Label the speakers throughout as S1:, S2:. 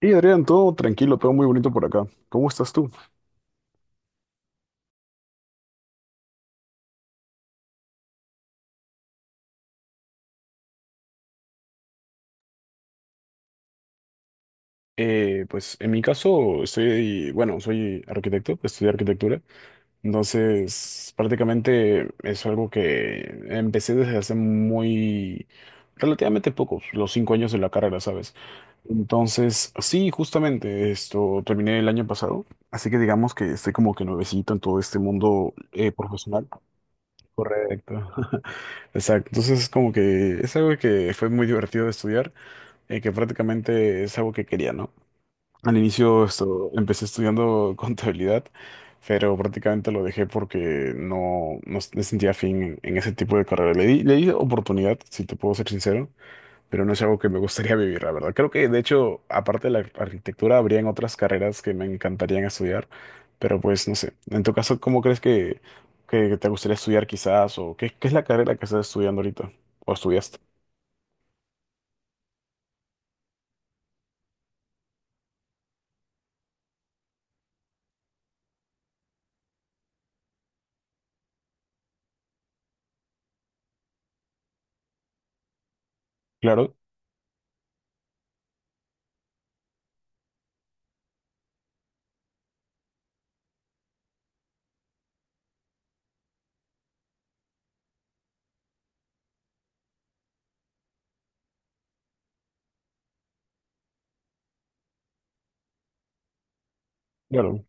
S1: Y Adrián, todo tranquilo, todo muy bonito por acá. ¿Cómo estás tú? Pues en mi caso, estoy, bueno, soy arquitecto, estudié arquitectura, entonces prácticamente es algo que empecé desde hace muy, relativamente poco, los 5 años de la carrera, ¿sabes? Entonces, sí, justamente esto terminé el año pasado, así que digamos que estoy como que nuevecito en todo este mundo profesional. Correcto. Exacto. Entonces, como que es algo que fue muy divertido de estudiar. Que prácticamente es algo que quería, ¿no? Al inicio esto, empecé estudiando contabilidad, pero prácticamente lo dejé porque no, no s- me sentía fin en ese tipo de carrera. Le di oportunidad, si te puedo ser sincero, pero no es algo que me gustaría vivir, la verdad. Creo que, de hecho, aparte de la arquitectura, habrían otras carreras que me encantarían estudiar, pero pues no sé. En tu caso, ¿cómo crees que te gustaría estudiar quizás? ¿O qué es la carrera que estás estudiando ahorita? ¿O estudiaste? Claro, claro.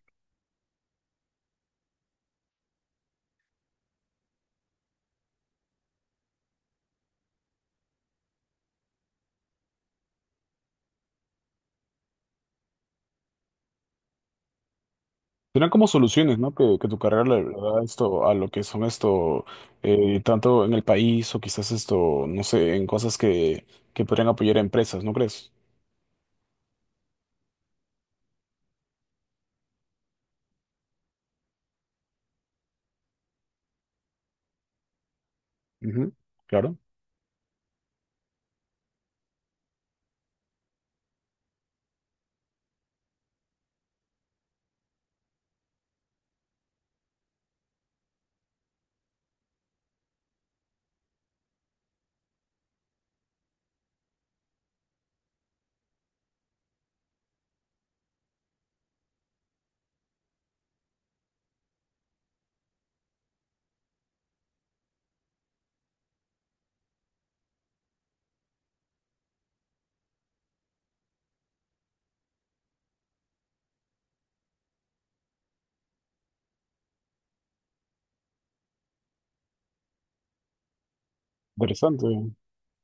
S1: Serán como soluciones, ¿no? Que tu carrera le da esto a lo que son esto, tanto en el país o quizás esto, no sé, en cosas que podrían apoyar a empresas, ¿no crees? Ujú. Claro, interesante.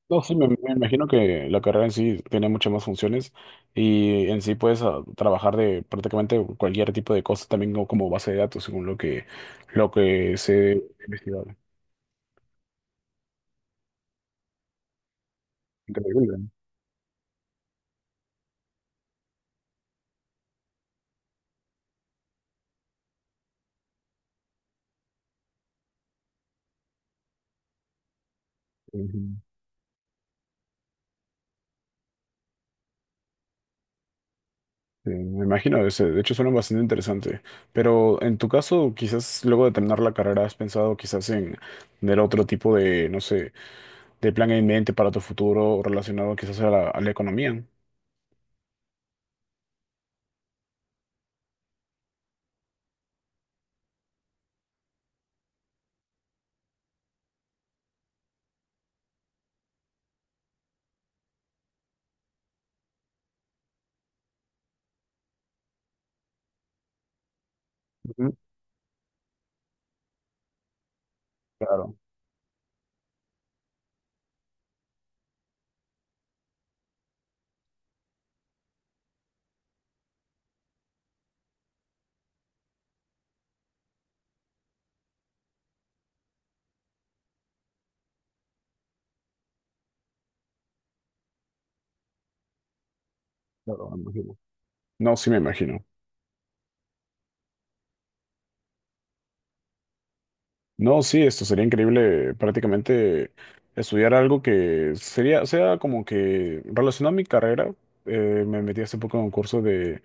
S1: No, sí, me imagino que la carrera en sí tiene muchas más funciones y en sí puedes trabajar de prácticamente cualquier tipo de cosa, también como como base de datos, según lo que se ha investigado. Increíble, ¿no? Ujú. Sí, me imagino, ese- de hecho suena bastante interesante, pero en tu caso, quizás luego de terminar la carrera, ¿has pensado quizás en tener otro tipo de, no sé, de plan en mente para tu futuro relacionado quizás a la economía? Ujú. Claro, claro, me imagino. No, sí me imagino. No, sí, esto sería increíble prácticamente estudiar algo que sería, sea como que relacionado a mi carrera. Me metí hace poco en un curso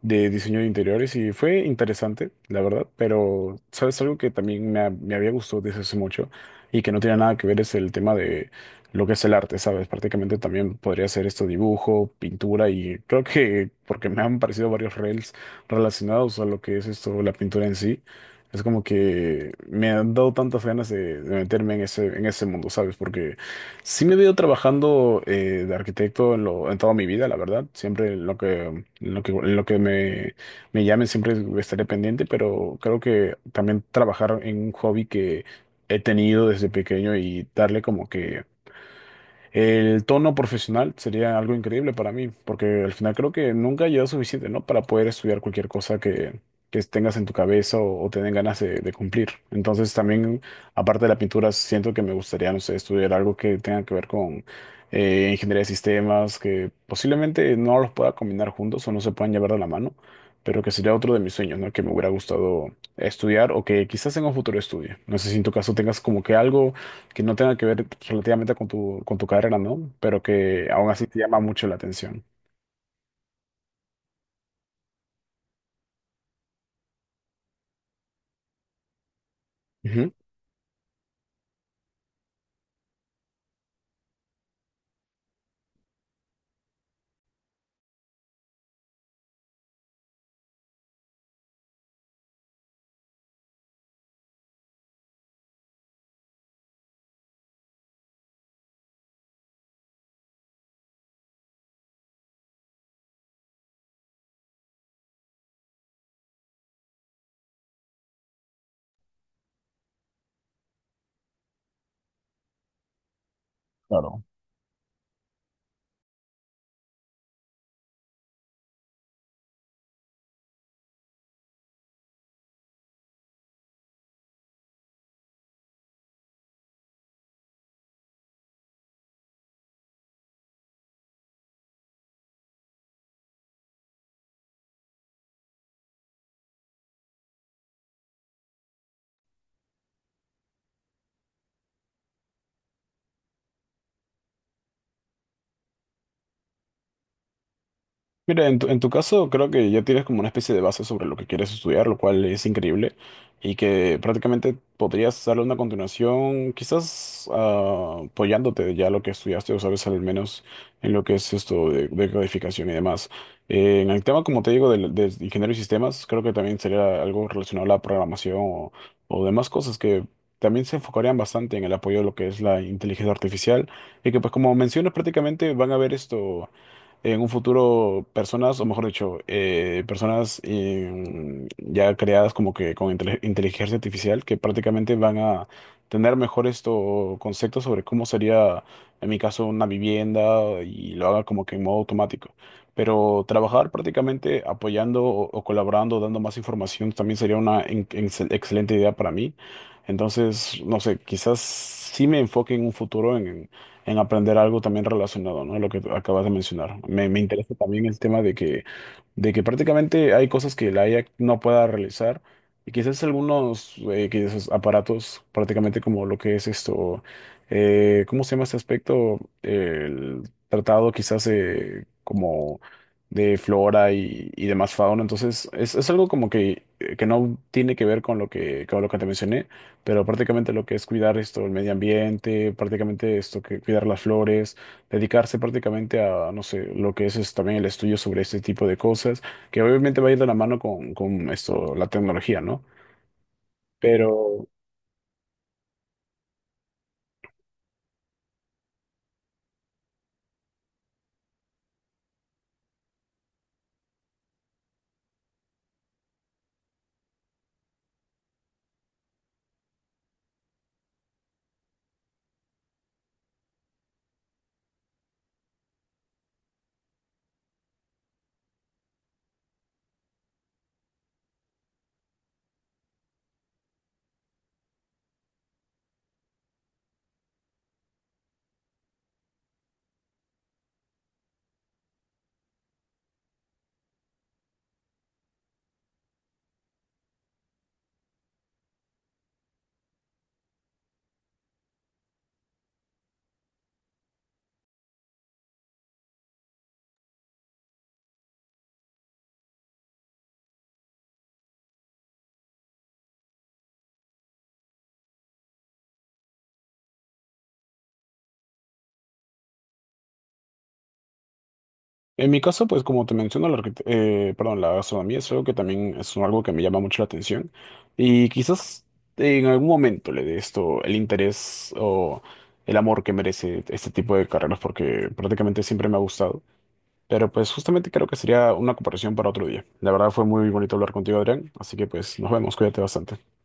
S1: de diseño de interiores y fue interesante, la verdad, pero sabes algo que también me había gustado desde hace mucho y que no tiene nada que ver es el tema de lo que es el arte, ¿sabes? Prácticamente también podría ser esto dibujo, pintura y creo que porque me han parecido varios reels relacionados a lo que es esto, la pintura en sí. Es como que me han dado tantas ganas de meterme en ese mundo, ¿sabes? Porque sí me veo trabajando de arquitecto en, lo, en toda mi vida, la verdad. Siempre en lo que, en lo que, en lo que me llamen, siempre estaré pendiente, pero creo que también trabajar en un hobby que he tenido desde pequeño y darle como que el tono profesional sería algo increíble para mí, porque al final creo que nunca lleva suficiente, ¿no? Para poder estudiar cualquier cosa que tengas en tu cabeza o te den ganas de cumplir. Entonces también, aparte de la pintura, siento que me gustaría, no sé, estudiar algo que tenga que ver con ingeniería de sistemas, que posiblemente no los pueda combinar juntos o no se puedan llevar de la mano, pero que sería otro de mis sueños, ¿no? Que me hubiera gustado estudiar o que quizás en un futuro estudie. No sé si en tu caso tengas como que algo que no tenga que ver relativamente con tu carrera, ¿no? Pero que aún así te llama mucho la atención. Ujú. Claro. Mira, en tu caso creo que ya tienes como una especie de base sobre lo que quieres estudiar, lo cual es increíble y que prácticamente podrías darle una continuación, quizás apoyándote ya lo que estudiaste o sabes al menos en lo que es esto de codificación y demás. En el tema, como te digo, del- de, ingeniero y sistemas, creo que también sería algo relacionado a la programación o demás cosas que también se enfocarían bastante en el apoyo de lo que es la inteligencia artificial y que pues como mencionas prácticamente van a ver esto en un futuro personas, o mejor dicho, personas ya creadas como que con intele- inteligencia artificial que prácticamente van a tener mejores esto, conceptos sobre cómo sería, en mi caso, una vivienda y lo haga como que en modo automático. Pero trabajar prácticamente apoyando o colaborando, dando más información, también sería una en- excel- excelente idea para mí. Entonces, no sé, quizás sí me enfoque en un futuro en aprender algo también relacionado, ¿no? Lo que acabas de mencionar. Me interesa también el tema de que prácticamente hay cosas que la IA no pueda realizar y quizás algunos quizás aparatos, prácticamente como lo que es esto, ¿cómo se llama este aspecto? El tratado quizás como de flora y demás fauna. Entonces, es algo como que no tiene que ver con lo que te mencioné, pero prácticamente lo que es cuidar esto, el medio ambiente, prácticamente esto que cuidar las flores, dedicarse prácticamente a, no sé, lo que es también el estudio sobre este tipo de cosas, que obviamente va a ir de la mano con esto, la tecnología, ¿no? Pero en mi caso, pues como te menciono, la, arquit- perdón, la gastronomía es algo que también es algo que me llama mucho la atención y quizás en algún momento le dé esto el interés o el amor que merece este tipo de carreras porque prácticamente siempre me ha gustado. Pero pues justamente creo que sería una comparación para otro día. La verdad fue muy bonito hablar contigo, Adrián. Así que pues nos vemos, cuídate bastante.